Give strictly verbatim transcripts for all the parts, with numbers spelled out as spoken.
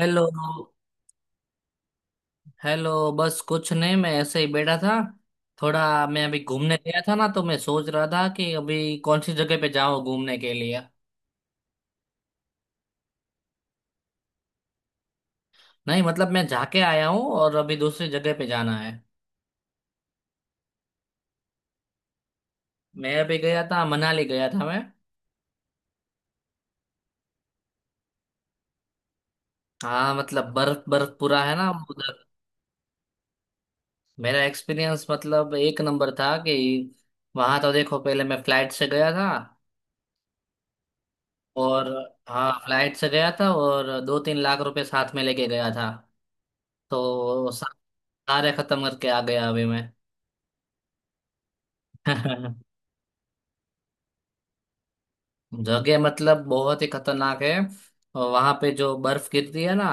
Hello. Hello, बस कुछ नहीं, मैं ऐसे ही बैठा था थोड़ा। मैं अभी घूमने गया था ना, तो मैं सोच रहा था कि अभी कौन सी जगह पे जाऊं घूमने के लिए। नहीं मतलब, मैं जाके आया हूँ और अभी दूसरी जगह पे जाना है। मैं अभी गया था, मनाली गया था मैं। हाँ मतलब बर्फ बर्फ पूरा है ना उधर। मेरा एक्सपीरियंस मतलब एक नंबर था कि वहां तो देखो, पहले मैं फ्लाइट से गया था। और हाँ, फ्लाइट से गया था और दो तीन लाख रुपए साथ में लेके गया था। तो सा- सारे खत्म करके आ गया अभी मैं। जगह मतलब बहुत ही खतरनाक है। और वहां पे जो बर्फ गिरती है ना,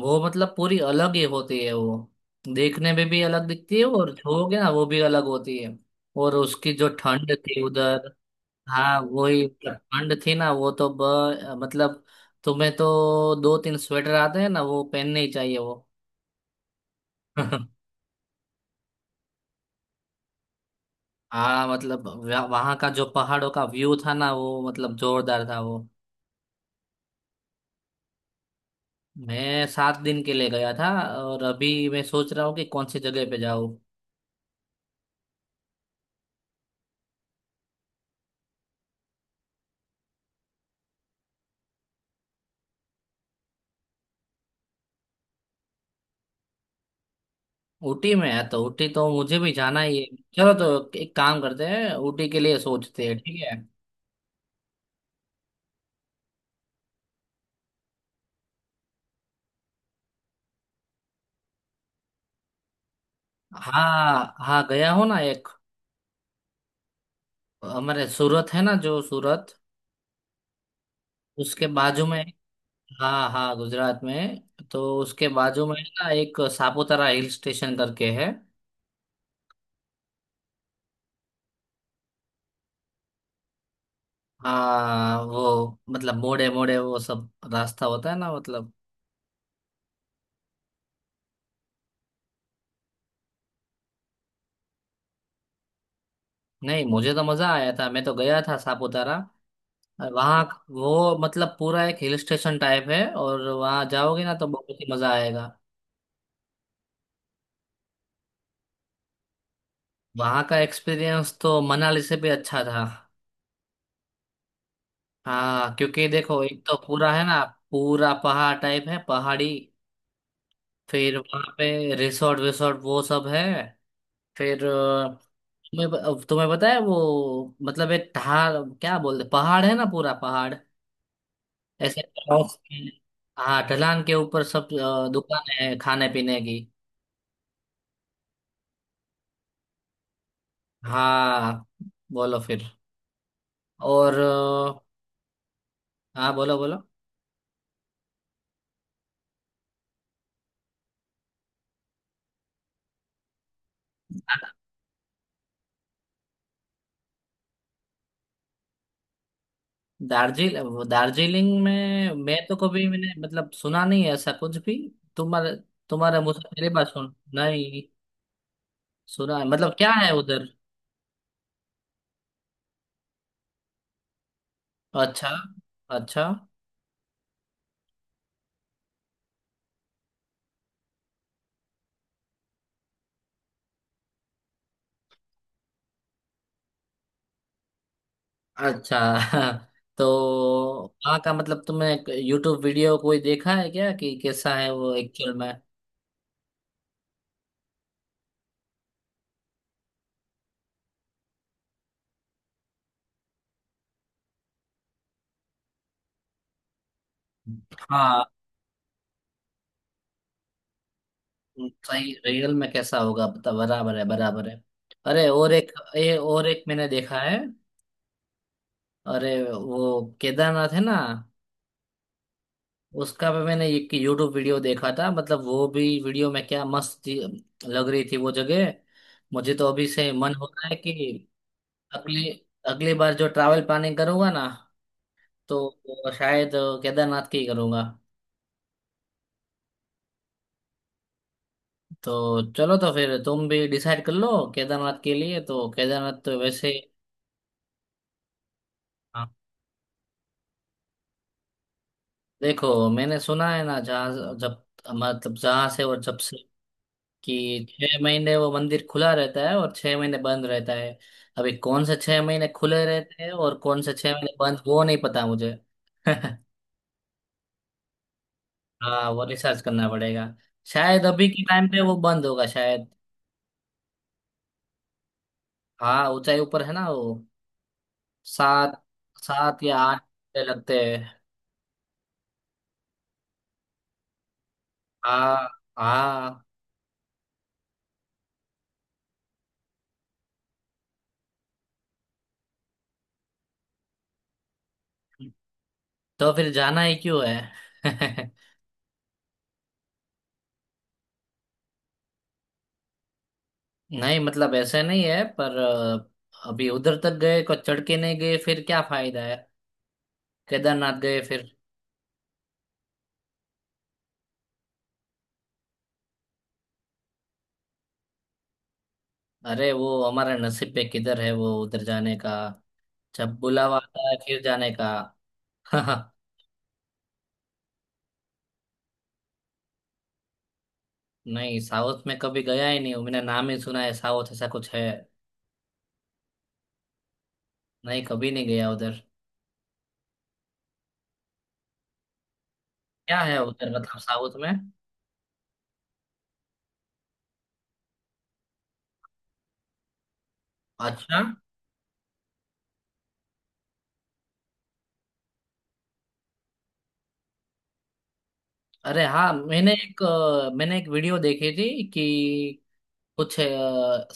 वो मतलब पूरी अलग ही होती है वो। देखने में भी अलग दिखती है और छूओगे ना वो भी अलग होती है। और उसकी जो ठंड थी उधर, हाँ वही ठंड थी ना वो तो ब, मतलब तुम्हें तो दो तीन स्वेटर आते हैं ना, वो पहनने ही चाहिए वो। हाँ मतलब वहाँ का जो पहाड़ों का व्यू था ना, वो मतलब जोरदार था वो। मैं सात दिन के लिए गया था और अभी मैं सोच रहा हूँ कि कौन सी जगह पे जाऊँ। ऊटी में है तो ऊटी तो मुझे भी जाना ही है। चलो तो एक काम करते हैं, ऊटी के लिए सोचते हैं, ठीक है। हाँ हाँ, गया हो ना एक। हमारे सूरत है ना, जो सूरत उसके बाजू में। हाँ हाँ, गुजरात में। तो उसके बाजू में ना एक सापुतारा हिल स्टेशन करके है। हाँ, वो मतलब मोड़े मोड़े वो सब रास्ता होता है ना, मतलब। नहीं, मुझे तो मजा आया था, मैं तो गया था सापुतारा वहाँ। वो मतलब पूरा एक हिल स्टेशन टाइप है और वहाँ जाओगे ना तो बहुत ही मजा आएगा। वहाँ का एक्सपीरियंस तो मनाली से भी अच्छा था। हाँ क्योंकि देखो, एक तो पूरा है ना, पूरा पहाड़ टाइप है, पहाड़ी। फिर वहाँ पे रिसोर्ट विसोर्ट वो सब है। फिर अ, तुम्हें ब- तुम्हें पता है वो मतलब एक ढाल क्या बोलते, पहाड़ है ना पूरा पहाड़। ऐसे ढलान के- हाँ, ढलान के ऊपर सब अ, दुकानें हैं खाने पीने की। हाँ बोलो फिर। और अ, हाँ बोलो बोलो। दार्जिल वो दार्जिलिंग में मैं तो कभी मैंने मतलब सुना नहीं है ऐसा कुछ भी। तुम्हारे तुम्हारे मुझसे पहली बार सुन नहीं सुना है मतलब क्या है उधर अच्छा अच्छा अच्छा तो वहाँ का मतलब तुमने यूट्यूब वीडियो कोई देखा है क्या कि कैसा है वो एक्चुअल में हाँ सही रियल में कैसा होगा बता बराबर है बराबर है अरे और एक ये और एक मैंने देखा है। अरे वो केदारनाथ है ना, उसका भी मैंने एक यूट्यूब वीडियो देखा था, मतलब वो भी वीडियो में क्या मस्त थी- लग रही थी वो जगह। मुझे तो अभी से मन हो रहा है कि अगली अगली बार जो ट्रैवल प्लानिंग करूंगा ना, तो शायद केदारनाथ की ही करूंगा। तो चलो तो फिर तुम भी डिसाइड कर लो केदारनाथ के लिए, तो केदारनाथ तो वैसे हाँ। देखो मैंने सुना है ना, जहाँ जब मतलब जहाँ से और जब से कि छह महीने वो मंदिर खुला रहता है और छह महीने बंद रहता है। अभी कौन से छह महीने खुले रहते हैं और कौन से छह महीने बंद, वो नहीं पता मुझे। हाँ, वो रिसर्च करना पड़ेगा। शायद अभी के टाइम पे वो बंद होगा शायद। हाँ, ऊंचाई ऊपर है ना वो। सात सात या आठ घंटे लगते हैं। हाँ। हाँ तो फिर जाना ही क्यों है। नहीं मतलब ऐसे नहीं है पर अ, अभी उधर तक गए को चढ़ के नहीं गए फिर क्या फायदा है, केदारनाथ गए फिर। अरे, वो हमारा नसीब पे किधर है वो उधर जाने का, जब बुलावा आता है फिर जाने का। नहीं, साउथ में कभी गया ही नहीं हूँ। मैंने नाम ही सुना है, साउथ ऐसा कुछ है। नहीं कभी नहीं गया उधर। क्या है उधर मतलब साउथ में। अच्छा। अरे हाँ, मैंने एक अ, मैंने एक वीडियो देखी थी कि कुछ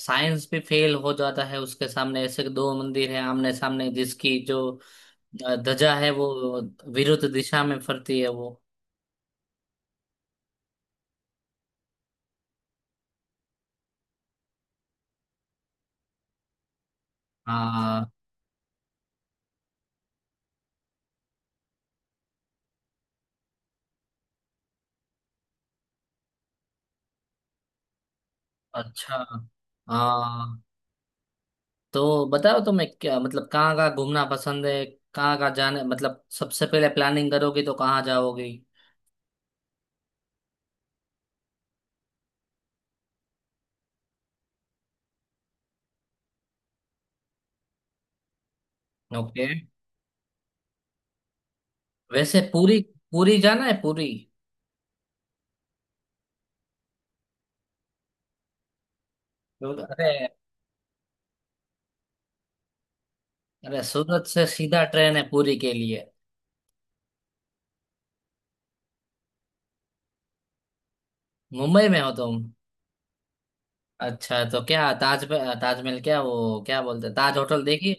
साइंस भी फेल हो जाता है उसके सामने, ऐसे दो मंदिर है आमने सामने जिसकी जो अ, ध्वजा है वो विरुद्ध दिशा में फरती है वो। हाँ। अच्छा। हाँ तो बताओ, तुम्हें क्या मतलब कहाँ कहाँ घूमना पसंद है, कहाँ कहाँ जाने मतलब सबसे पहले प्लानिंग करोगी तो कहाँ जाओगी। ओके। वैसे पूरी पूरी जाना है पूरी। तो- अरे, अरे सूरत से सीधा ट्रेन है पूरी के लिए। मुंबई में हो तुम। अच्छा तो क्या ताज, ताजमहल क्या वो क्या बोलते हैं, ताज होटल देखी।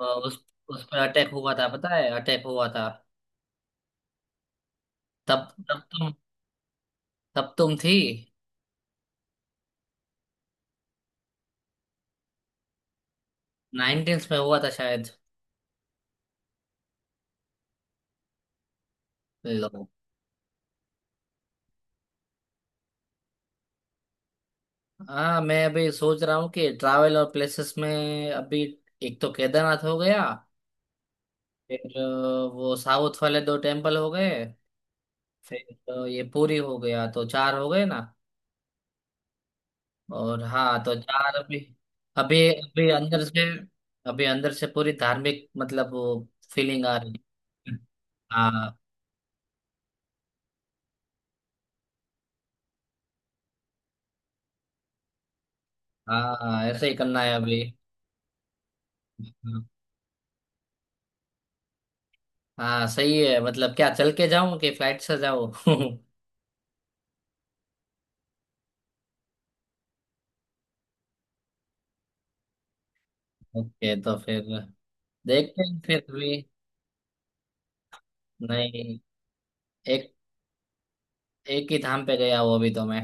अ, उस उस पर अटैक हुआ था, पता है अटैक हुआ था। तब तब तुम तब तुम थी। नाइनटीन्स में हुआ था शायद। लो। हाँ मैं अभी सोच रहा हूँ कि ट्रैवल और प्लेसेस में, अभी एक तो केदारनाथ हो गया, फिर अ, वो साउथ वाले दो टेम्पल हो गए, फिर अ, ये पूरी हो गया, तो चार हो गए ना। और हाँ, तो चार अभी अभी अभी अंदर से अभी अंदर से पूरी धार्मिक मतलब वो फीलिंग आ रही है। हाँ। हाँ ऐसे ही करना है अभी। हाँ सही है, मतलब क्या चल के जाऊं कि फ्लाइट से जाऊं। ओके तो फिर देखते हैं फिर भी। नहीं। एक एक ही धाम पे गया हूँ अभी तो मैं।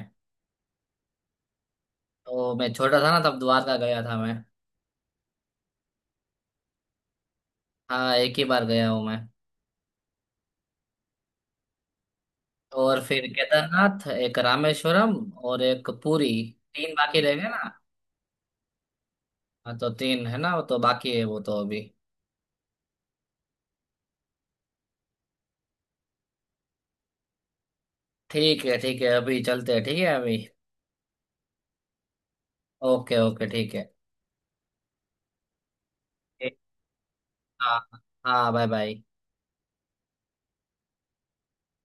तो मैं छोटा था ना तब द्वारका गया था मैं। हाँ, एक ही बार गया हूँ मैं। और फिर केदारनाथ, एक रामेश्वरम और एक पुरी, तीन बाकी रह गए ना। हाँ तो तीन है ना, वो तो बाकी है वो तो अभी। ठीक है ठीक है, अभी चलते हैं, ठीक है अभी। ओके ओके, ठीक है। हाँ। हाँ बाय बाय।